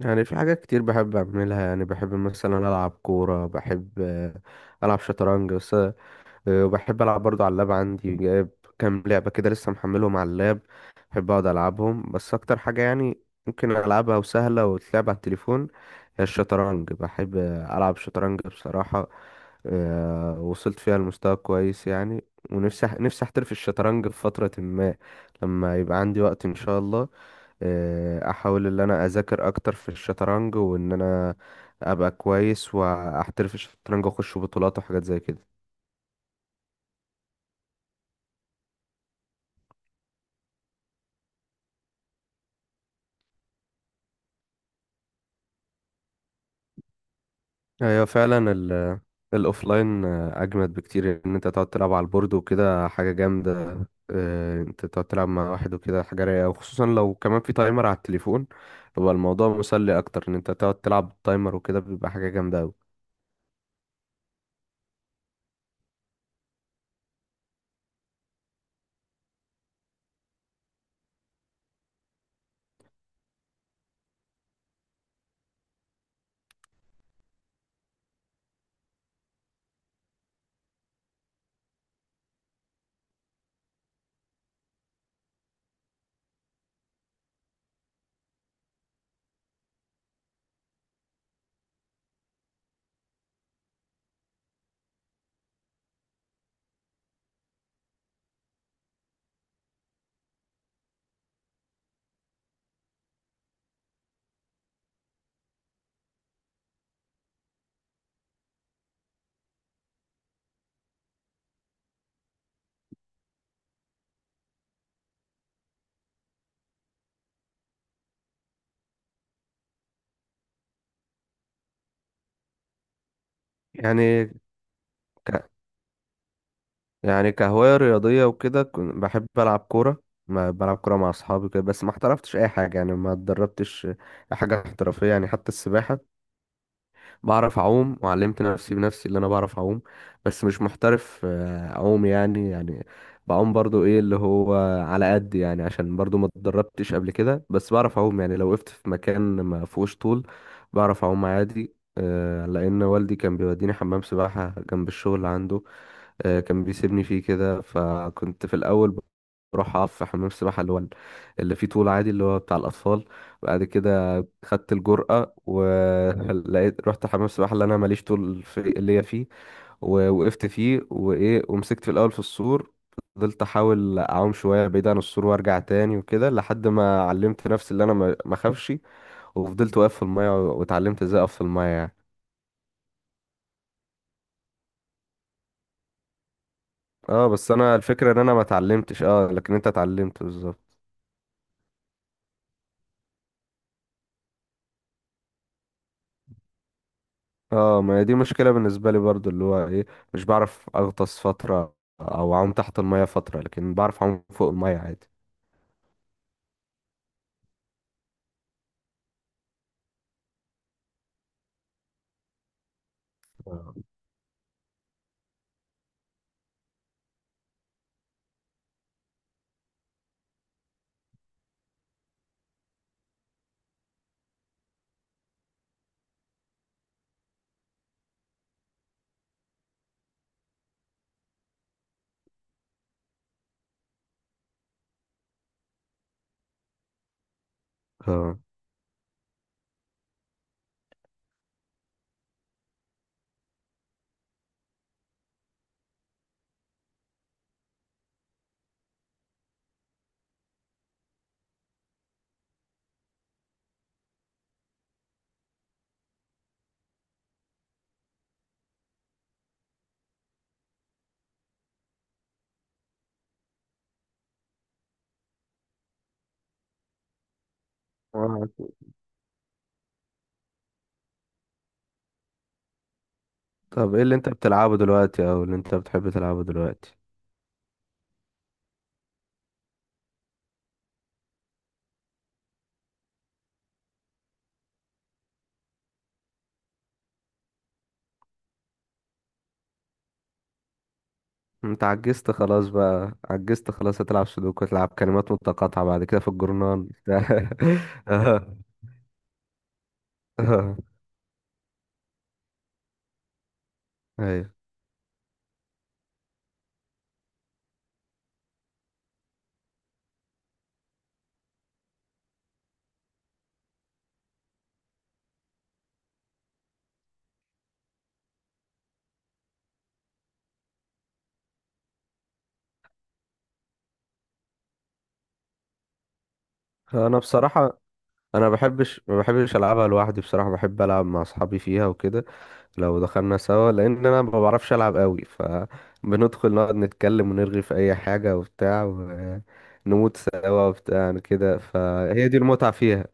يعني في حاجات كتير بحب أعملها، يعني بحب مثلا ألعب كورة، بحب ألعب شطرنج، بس وبحب ألعب برضو على اللاب. عندي جايب كام لعبة كده لسه محملهم على اللاب، بحب أقعد ألعبهم. بس أكتر حاجة يعني ممكن ألعبها وسهلة وتلعب على التليفون هي الشطرنج. بحب ألعب شطرنج بصراحة. وصلت فيها لمستوى كويس يعني. ونفسي نفسي أحترف الشطرنج في فترة ما، لما يبقى عندي وقت إن شاء الله. احاول ان انا اذاكر اكتر في الشطرنج، وان انا ابقى كويس واحترف الشطرنج واخش بطولات وحاجات زي كده. ايوه فعلا، الاوفلاين اجمد بكتير ان انت تقعد تلعب على البورد وكده، حاجه جامده. انت تقعد تلعب مع واحد وكده حاجه رايقه، وخصوصا لو كمان في تايمر على التليفون بيبقى الموضوع مسلي اكتر. ان انت تقعد تلعب بالتايمر وكده بيبقى حاجه جامده قوي. يعني ك- يعني كهواية رياضية وكده، بحب ألعب كورة، ما بلعب كورة مع أصحابي كده. بس ما احترفتش أي حاجة يعني، ما اتدربتش حاجة احترافية يعني. حتى السباحة بعرف اعوم، وعلمت نفسي بنفسي اللي انا بعرف اعوم، بس مش محترف. اعوم يعني يعني بعوم برضو ايه اللي هو على قد يعني، عشان برضو ما اتدربتش قبل كده. بس بعرف اعوم يعني، لو وقفت في مكان ما فيهوش طول بعرف اعوم عادي. لان والدي كان بيوديني حمام سباحة جنب الشغل عنده. كان بيسيبني فيه كده، فكنت في الاول بروح اقف في حمام السباحة اللي هو اللي فيه طول عادي، اللي هو بتاع الاطفال. بعد كده خدت الجرأة ولقيت رحت حمام السباحة اللي انا ماليش طول في ليا فيه، ووقفت فيه وايه، ومسكت في الاول في السور. فضلت احاول اعوم شويه بعيد عن السور وارجع تاني وكده، لحد ما علمت نفسي اللي انا ما اخافش. وفضلت واقف في الميه واتعلمت ازاي اقف في الميه يعني. اه، بس انا الفكره ان انا ما اتعلمتش. اه لكن انت اتعلمت بالظبط. اه، ما هي دي مشكله بالنسبه لي برضو، اللي هو ايه، مش بعرف اغطس فتره او اعوم تحت الميه فتره، لكن بعرف اعوم فوق الميه عادي. آه. اه. آه. طب ايه اللي انت بتلعبه دلوقتي او اللي انت بتحب تلعبه دلوقتي؟ انت عجزت خلاص بقى، عجزت خلاص، هتلعب سودوكو، تلعب كلمات متقاطعة بعد كده في الجورنال بتاع. اه. اه، ايوه. انا بصراحة، انا ما بحبش العبها لوحدي بصراحة، بحب العب مع اصحابي فيها وكده، لو دخلنا سوا، لان انا ما بعرفش العب قوي. فبندخل نقعد نتكلم ونرغي في اي حاجة وبتاع، ونموت سوا وبتاع يعني كده، فهي دي المتعة فيها.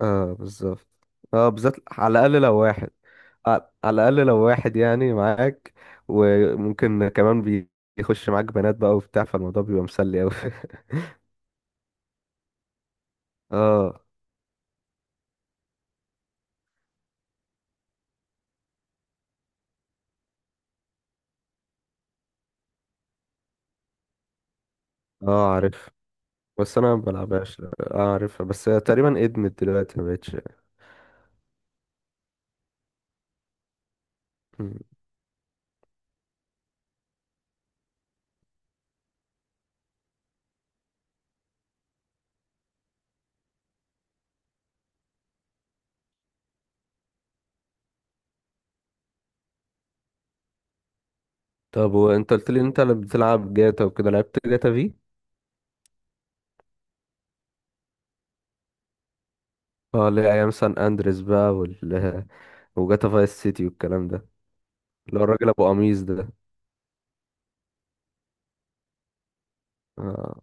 اه بالظبط. اه بالذات، على الاقل لو واحد، على الاقل لو واحد يعني معاك. وممكن كمان بيخش معاك بنات بقى وبتاع، فالموضوع بيبقى مسلي قوي. اه. اه عارف، بس انا ما بلعبهاش. اه عارفها، بس هي تقريبا ادمت دلوقتي ما بقتش. مم. طب وانت قلت لي إن انت اللي بتلعب جاتا وكده، لعبت جاتا في؟ اه اللي هي ايام سان اندريس بقى وال وجاتا فايس سيتي والكلام ده، اللي هو الراجل ابو قميص ده. اه.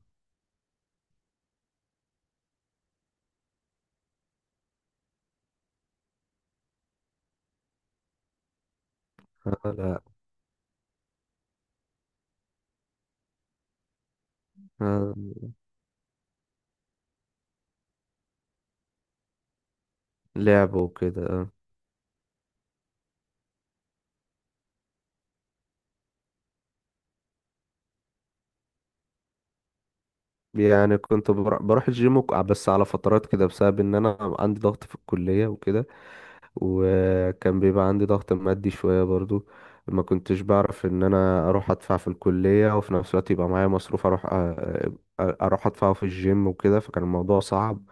آه، لا. آه، لعبه وكده. يعني كنت بروح الجيم بس على فترات كده، بسبب ان انا عندي ضغط في الكلية وكده، وكان بيبقى عندي ضغط مادي شوية برضو. ما كنتش بعرف ان انا اروح ادفع في الكلية وفي نفس الوقت يبقى معايا مصروف اروح اروح ادفعه في الجيم وكده، فكان الموضوع صعب.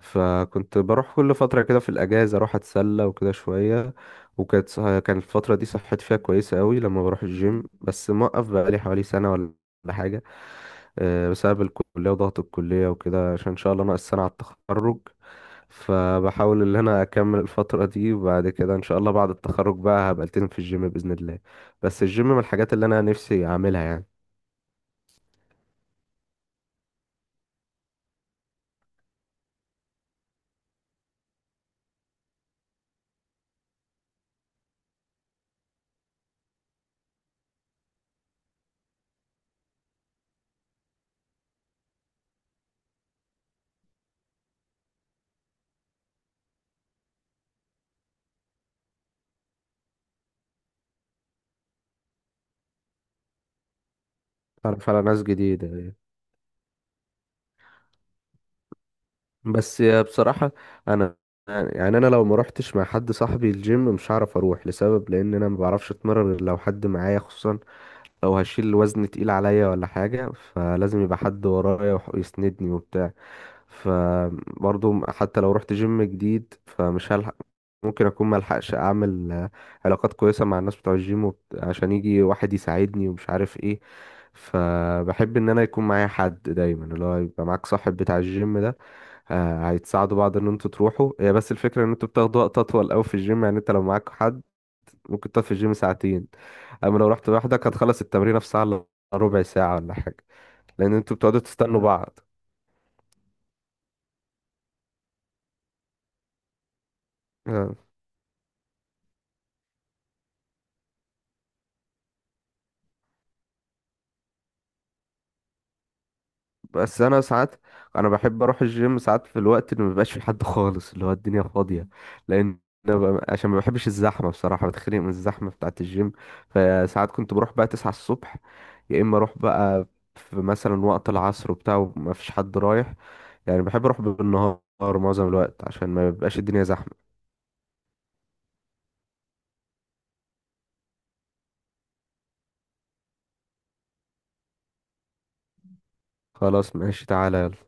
فكنت بروح كل فترة كده في الاجازة اروح اتسلى وكده شوية. وكانت كان الفترة دي صحتي فيها كويسة قوي لما بروح الجيم، بس موقف بقالي حوالي سنة ولا حاجة. بسبب الكلية وضغط الكلية وكده، عشان إن شاء الله ناقص سنة على التخرج. فبحاول ان انا اكمل الفترة دي، وبعد كده ان شاء الله بعد التخرج بقى هبقى التزم في الجيم بإذن الله. بس الجيم من الحاجات اللي انا نفسي اعملها يعني. اتعرف على ناس جديدة. بس بصراحة انا، يعني انا لو ما روحتش مع حد صاحبي الجيم مش هعرف اروح، لسبب لان انا ما بعرفش اتمرن غير لو حد معايا، خصوصا لو هشيل وزن تقيل عليا ولا حاجة، فلازم يبقى حد ورايا ويسندني وبتاع. فبرضه حتى لو رحت جيم جديد فمش هلحق، ممكن اكون ملحقش اعمل علاقات كويسة مع الناس بتوع الجيم، عشان يجي واحد يساعدني ومش عارف ايه. فبحب ان انا يكون معايا حد دايما، اللي هو يبقى معاك صاحب بتاع الجيم ده. هيتساعدوا بعض ان انتوا تروحوا. هي بس الفكرة ان انتوا بتاخدوا وقت اطول قوي في الجيم، يعني انت لو معاك حد ممكن تقعد في الجيم ساعتين، اما لو رحت لوحدك هتخلص التمرين في ساعة الا ربع ساعة ولا حاجة، لان انتوا بتقعدوا تستنوا بعض. آه. بس انا ساعات، انا بحب اروح الجيم ساعات في الوقت اللي مبيبقاش في حد خالص، اللي هو الدنيا فاضيه، لان أنا عشان ما بحبش الزحمه بصراحه، بتخنق من الزحمه بتاعه الجيم. فساعات كنت بروح بقى 9 الصبح، يا اما اروح بقى في مثلا وقت العصر وبتاع وما فيش حد رايح. يعني بحب اروح بالنهار معظم الوقت عشان ما بيبقاش الدنيا زحمه. خلاص ماشي تعالى يلا.